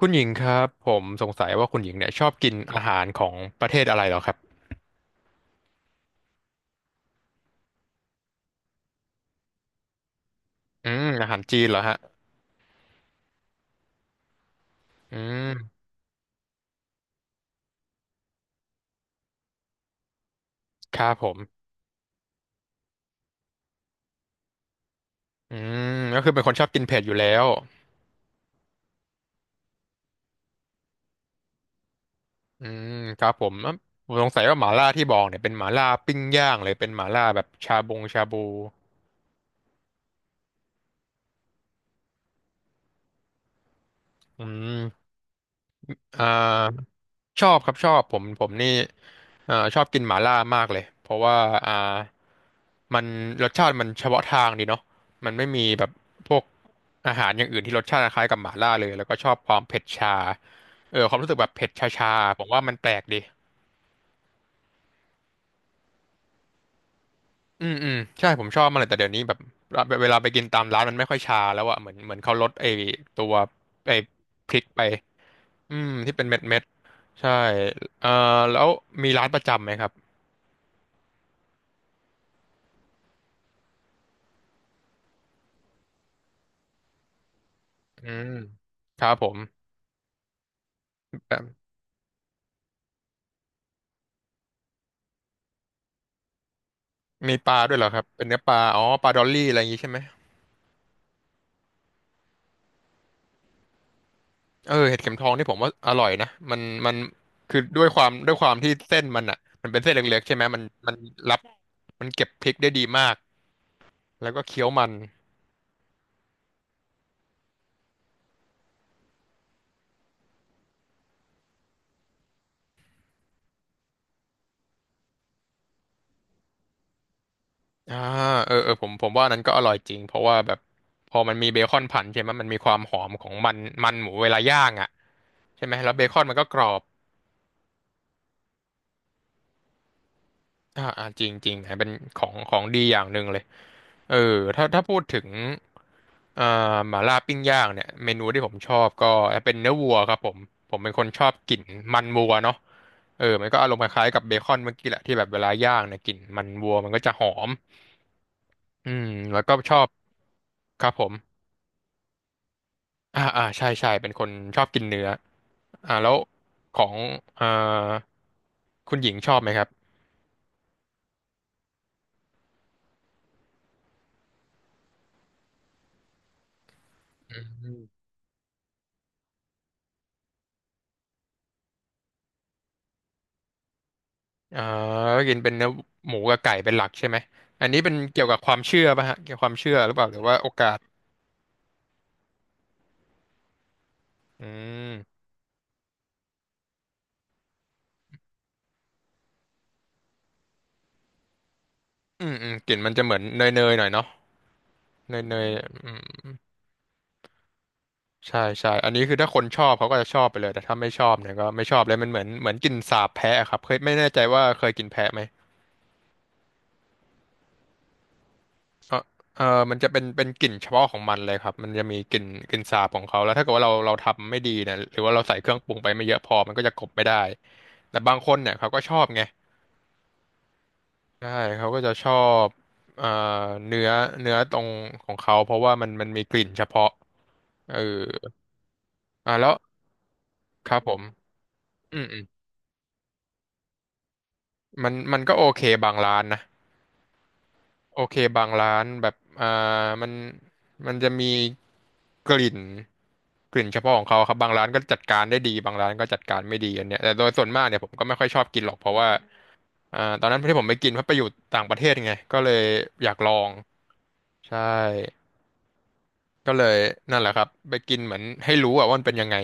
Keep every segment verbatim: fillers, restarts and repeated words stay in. คุณหญิงครับผมสงสัยว่าคุณหญิงเนี่ยชอบกินอาหารของประเทศอะไรเหรอครับอืมอาหารจีนเหรอฮะอืมครับผมอืมก็คือเป็นคนชอบกินเผ็ดอยู่แล้วอืมครับผมอ่ะผมสงสัยว่าหม่าล่าที่บอกเนี่ยเป็นหม่าล่าปิ้งย่างเลยเป็นหม่าล่าแบบชาบงชาบูอืมอ่าชอบครับชอบผมผมนี่ อ่าชอบกินหม่าล่ามากเลยเพราะว่าอ่ามันรสชาติมันเฉพาะทางดีเนาะมันไม่มีแบบพวกอาหารอย่างอื่นที่รสชาติคล้ายกับหม่าล่าเลยแล้วก็ชอบความเผ็ดชาเออความรู้สึกแบบเผ็ดชาๆผมว่ามันแปลกดีอืมอืมใช่ผมชอบมันเลยแต่เดี๋ยวนี้แบบเวลาไปกินตามร้านมันไม่ค่อยชาแล้วอะเหมือนเหมือนเขาลดไอ้ตัวไอ้พริกไปอืมที่เป็นเม็ดเม็ดใช่เอ่อแล้วมีร้านประจำไหมครับอืมครับผม มีปลาด้วยเหรอครับเป็นเนื้อปลาอ๋อปลาดอลลี่อะไรอย่างงี้ใช่ไหมเออเห็ดเข็มทองนี่ผมว่าอร่อยนะมันมันคือด้วยความด้วยความที่เส้นมันอ่ะมันเป็นเส้นเล็กๆใช่ไหมมันมันรับมันเก็บพริกได้ดีมากแล้วก็เคี้ยวมันอ่าเออเออผมผมว่านั้นก็อร่อยจริงเพราะว่าแบบพอมันมีเบคอนผันใช่ไหมมันมีความหอมของมันมันหมูเวลาย่างอ่ะใช่ไหมแล้วเบคอนมันก็กรอบ อ่าอ่าจริงจริงนะเป็นของของดีอย่างหนึ่งเลยเออถ้าถ้าพูดถึงเอ่อหม่าล่าปิ้งย่างเนี่ยเมนูที่ผมชอบก็เป็นเนื้อวัวครับผมผมเป็นคนชอบกลิ่นมันวัวเนาะเออมันก็อารมณ์คล้ายๆกับเบคอนเมื่อกี้แหละที่แบบเวลาย่างเนี่ยกลิ่นมันวัวมันก็จะหอมอืมแล้วก็ชอบครับผมอ่าอ่าใช่ใช่เป็นคนชอบกินเนื้ออ่าแล้วของเอ่อคุณหญิงชอบไหมครับ อ่าก็กินเป็นเนื้อหมูกับไก่เป็นหลักใช่ไหมอันนี้เป็นเกี่ยวกับความเชื่อป่ะฮะเกี่ยวกับความเชื่อหรือเปล่าหรือว่าโอกาสอืมอืมอืมกลิ่นมันจะเหมือนเนยเนยหน่อยเนาะเนยเนยอืมใช่ใช่อันนี้คือถ้าคนชอบเขาก็จะชอบไปเลยแต่ถ้าไม่ชอบเนี่ยก็ไม่ชอบเลยมันเหมือนเหมือนกลิ่นสาบแพะอะครับเคยไม่แน่ใจว่าเคยกินแพะไหมเออเออมันจะเป็นเป็นกลิ่นเฉพาะของมันเลยครับมันจะมีกลิ่นกลิ่นสาบของเขาแล้วถ้าเกิดว่าเราเราทำไม่ดีเนี่ยหรือว่าเราใส่เครื่องปรุงไปไม่เยอะพอมันก็จะกลบไม่ได้แต่บางคนเนี่ยเขาก็ชอบไง ใช่เขาก็จะชอบเอ่อเนื้อเนื้อตรงของเขาเพราะว่ามันมันมีกลิ่นเฉพาะเอออ่ะแล้วครับผมอืมอืมมันมันก็โอเคบางร้านนะโอเคบางร้านแบบอ่ามันมันจะมีกลิ่นกลิ่นเฉพาะของเขาครับบางร้านก็จัดการได้ดีบางร้านก็จัดการไม่ดีอันเนี้ยแต่โดยส่วนมากเนี่ยผมก็ไม่ค่อยชอบกินหรอกเพราะว่าอ่าตอนนั้นที่ผมไปกินเพราะไปอยู่ต่างประเทศไงก็เลยอยากลองใช่ ก็เลยนั่นแหละครับไปกินเหมือนให้รู้อะว่ามันเป็นยังไง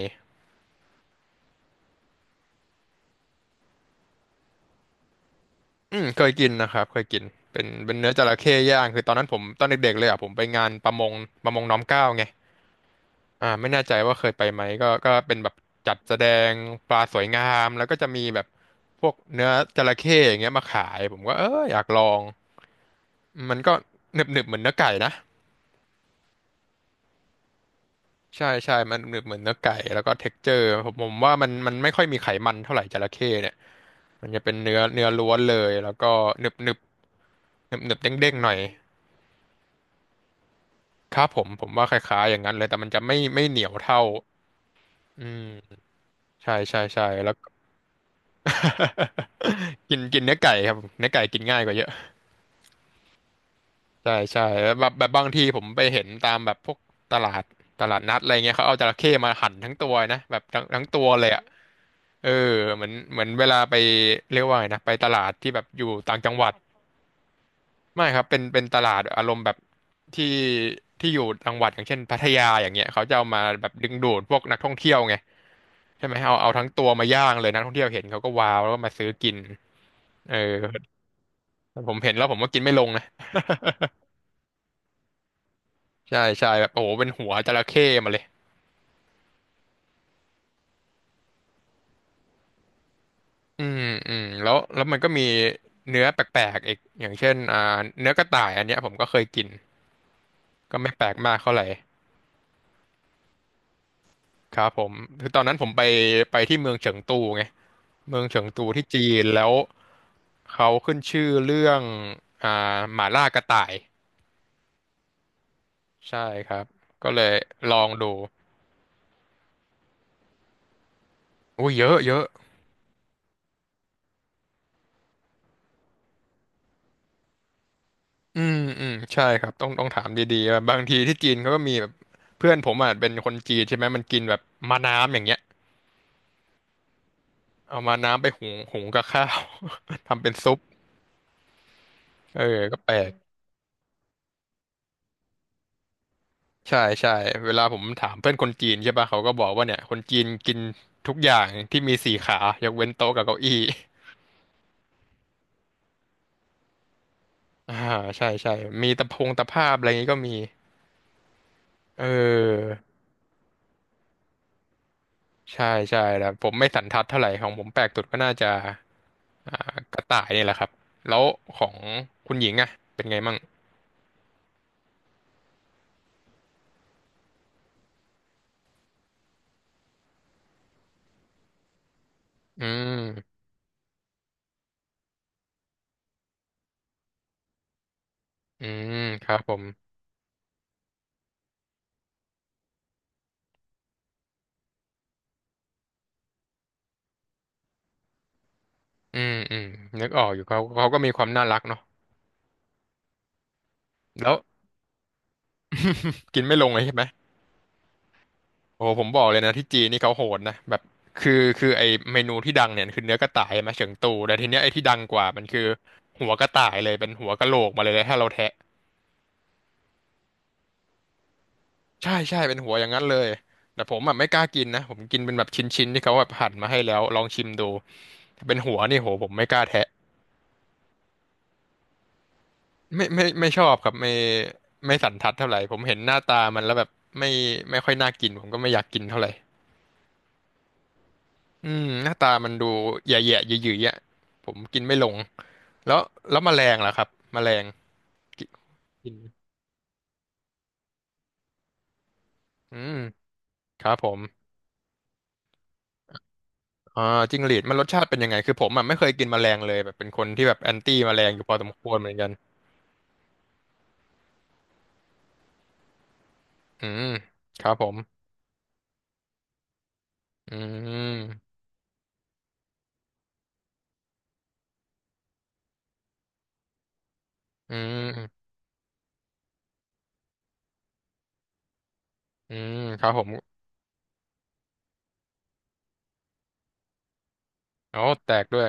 อืมเคยกินนะครับเคยกินเป็นเป็นเนื้อจระเข้ย่างคือตอนนั้นผมตอนเด็กๆเลยอะผมไปงานประมงประมงน้อมเกล้าไงอ่าไม่แน่ใจว่าเคยไปไหมก็ก็เป็นแบบจัดแสดงปลาสวยงามแล้วก็จะมีแบบพวกเนื้อจระเข้อย่างเงี้ยมาขายผมก็เอออยากลองมันก็หนึบๆเหมือนเนื้อไก่นะ ใช่ใช่มันเหมือนเหมือนเนื้อไก่แล้วก็เท็กเจอร์ผมผมว่ามันมันไม่ค่อยมีไขมันเท่าไหร่จระเข้เนี่ยมันจะเป็นเนื้อเนื้อล้วนเลยแล้วก็หนึบหนึบหนึบหนึบเด้งเด้งหน่อยครับผมผมว่าคล้ายๆอย่างนั้นเลยแต่มันจะไม่ไม่เหนียวเท่าอืมใช่ใช่ใช่แล้วก็ กินกินเนื้อไก่ครับเนื้อไก่กินง่ายกว่าเยอะ ใช่ใช่แบบแบบบางทีผมไปเห็นตามแบบพวกตลาดตลาดนัดอะไรเงี้ยเขาเอาจระเข้มาหั่นทั้งตัวนะแบบทั้งทั้งตัวเลยอ่ะเออเหมือนเหมือนเวลาไปเรียกว่าไงนะไปตลาดที่แบบอยู่ต่างจังหวัดไม่ครับเป็นเป็นตลาดอารมณ์แบบที่ที่อยู่จังหวัดอย่างเช่นพัทยาอย่างเงี้ยเขาจะเอามาแบบดึงดูดพวกนักท่องเที่ยวไงใช่ไหมเอาเอาทั้งตัวมาย่างเลยนักท่องเที่ยวเห็นเขาก็ว้าวแล้วก็มาซื้อกินเออผมเห็นแล้วผมก็กินไม่ลงนะใช่ใช่แบบโอ้โหเป็นหัวจระเข้มาเลย อืมอืมแล้วแล้วมันก็มีเนื้อแปลกๆอีกอย่างเช่นอ่าเนื้อกระต่ายอันเนี้ยผมก็เคยกินก็ไม่แปลกมากเท่าไหร่ครับผมคือตอนนั้นผมไปไปที่เมืองเฉิงตูไงเมืองเฉิงตูที่จีนแล้วเขาขึ้นชื่อเรื่องอ่าหม่าล่ากระต่ายใช่ครับก็เลยลองดูอุ้ยเยอะเยอะอืมอืมใช่ครับต้องต้องถามดีๆว่าบางทีที่จีนเขาก็มีแบบเพื่อนผมอ่ะเป็นคนจีนใช่ไหมมันกินแบบมาน้ำอย่างเงี้ย เอามาน้ำไปหุงหุงกับข้าว ทำเป็นซุปเออก็แปลกใช่ใช่เวลาผมถามเพื่อนคนจีนใช่ป่ะเขาก็บอกว่าเนี่ยคนจีนกินทุกอย่างที่มีสี่ขายกเว้นโต๊ะกับเก้าอี้ อ่าใช่ใช่มีตะพงตะภาพอะไรอย่างงี้ก็มีเออใช่ใช่แล้วผมไม่สันทัดเท่าไหร่ของผมแปลกสุดก็น่าจะอ่ากระต่ายนี่แหละครับแล้วของคุณหญิงอะเป็นไงมั่งอืมอืมครับผมอืมอืมนึกออกอยู่เขาเขาก็มีความน่ารักเนาะแล้ว กินไม่ลงเลยใช่ไหมโอ้โหผมบอกเลยนะที่จีนนี่เขาโหดนะแบบคือคือไอเมนูที่ดังเนี่ยคือเนื้อกระต่ายมาเฉิงตูแต่ทีเนี้ยไอที่ดังกว่ามันคือหัวกระต่ายเลยเป็นหัวกะโหลกมาเลยถ้าเราแทะใช่ใช่เป็นหัวอย่างนั้นเลยแต่ผมอ่ะไม่กล้ากินนะผมกินเป็นแบบชิ้นๆที่เขาแบบหั่นมาให้แล้วลองชิมดูถ้าเป็นหัวนี่โหผมไม่กล้าแทะไม่ไม่ไม่ชอบครับไม่ไม่สันทัดเท่าไหร่ผมเห็นหน้าตามันแล้วแบบไม่ไม่ค่อยน่ากินผมก็ไม่อยากกินเท่าไหร่อืมหน้าตามันดูแย่ๆหยืยๆอ่ะผมกินไม่ลง แล้วแล้วแมลงล่ะครับแมลงกิกินอืมครับผมอ่าจิ้งหรีดมันรสชาติเป็นยังไงคือผมอ่ะไม่เคยกินแมลงเลยแบบเป็นคนที่แบบแอนตี้แมลงอยู่พอสมควรเหมือนกันอืมครับผมอืมอืมอืมครับผมอ๋อแตกด้วย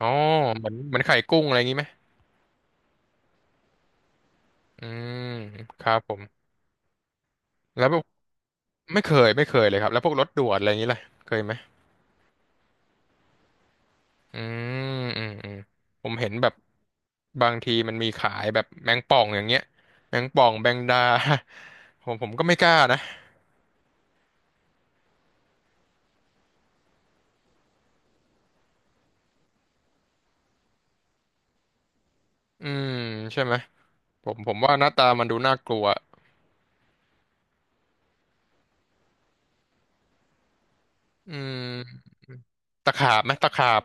อ๋อเหมือนเหมือนไข่กุ้งอะไรอย่างงี้ไหมอืมครับผมแล้วพวกไม่เคยไม่เคยเลยครับแล้วพวกรสด่วนอะไรอย่างงี้ล่ะเคยไหม อืมอืมอืมผมเห็นแบบบางทีมันมีขายแบบแมงป่องอย่างเงี้ยแมงป่องแมงดา ผมผมก็ไม่กล้านะอืมใช่ไหมผมผมว่าหน้าตามันดูน่ากลัวอืมตะขาบไหมตะขาบ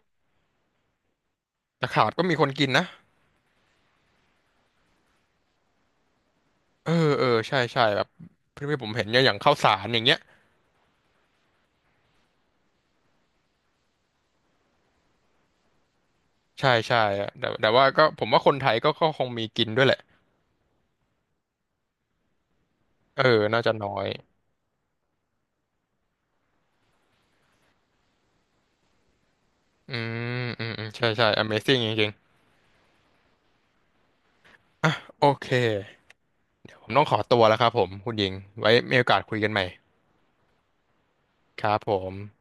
ตะขาบก็มีคนกินนะเออเออใช่ใช่แบบที่ผมเห็นเนี่ยอย่างข้าวสารอย่างเงี้ยใช่ใช่อะแต่แต่ว่าก็ผมว่าคนไทยก็ก็คงมีกินด้วยแหละเออน่าจะน้อยอืมอืมอืมใช่ใช่ อเมซิ่ง จริงๆโอเค ผมต้องขอตัวแล้วครับผมคุณหญิงไว้มีโอกาสคุยกันใหม่ครับผม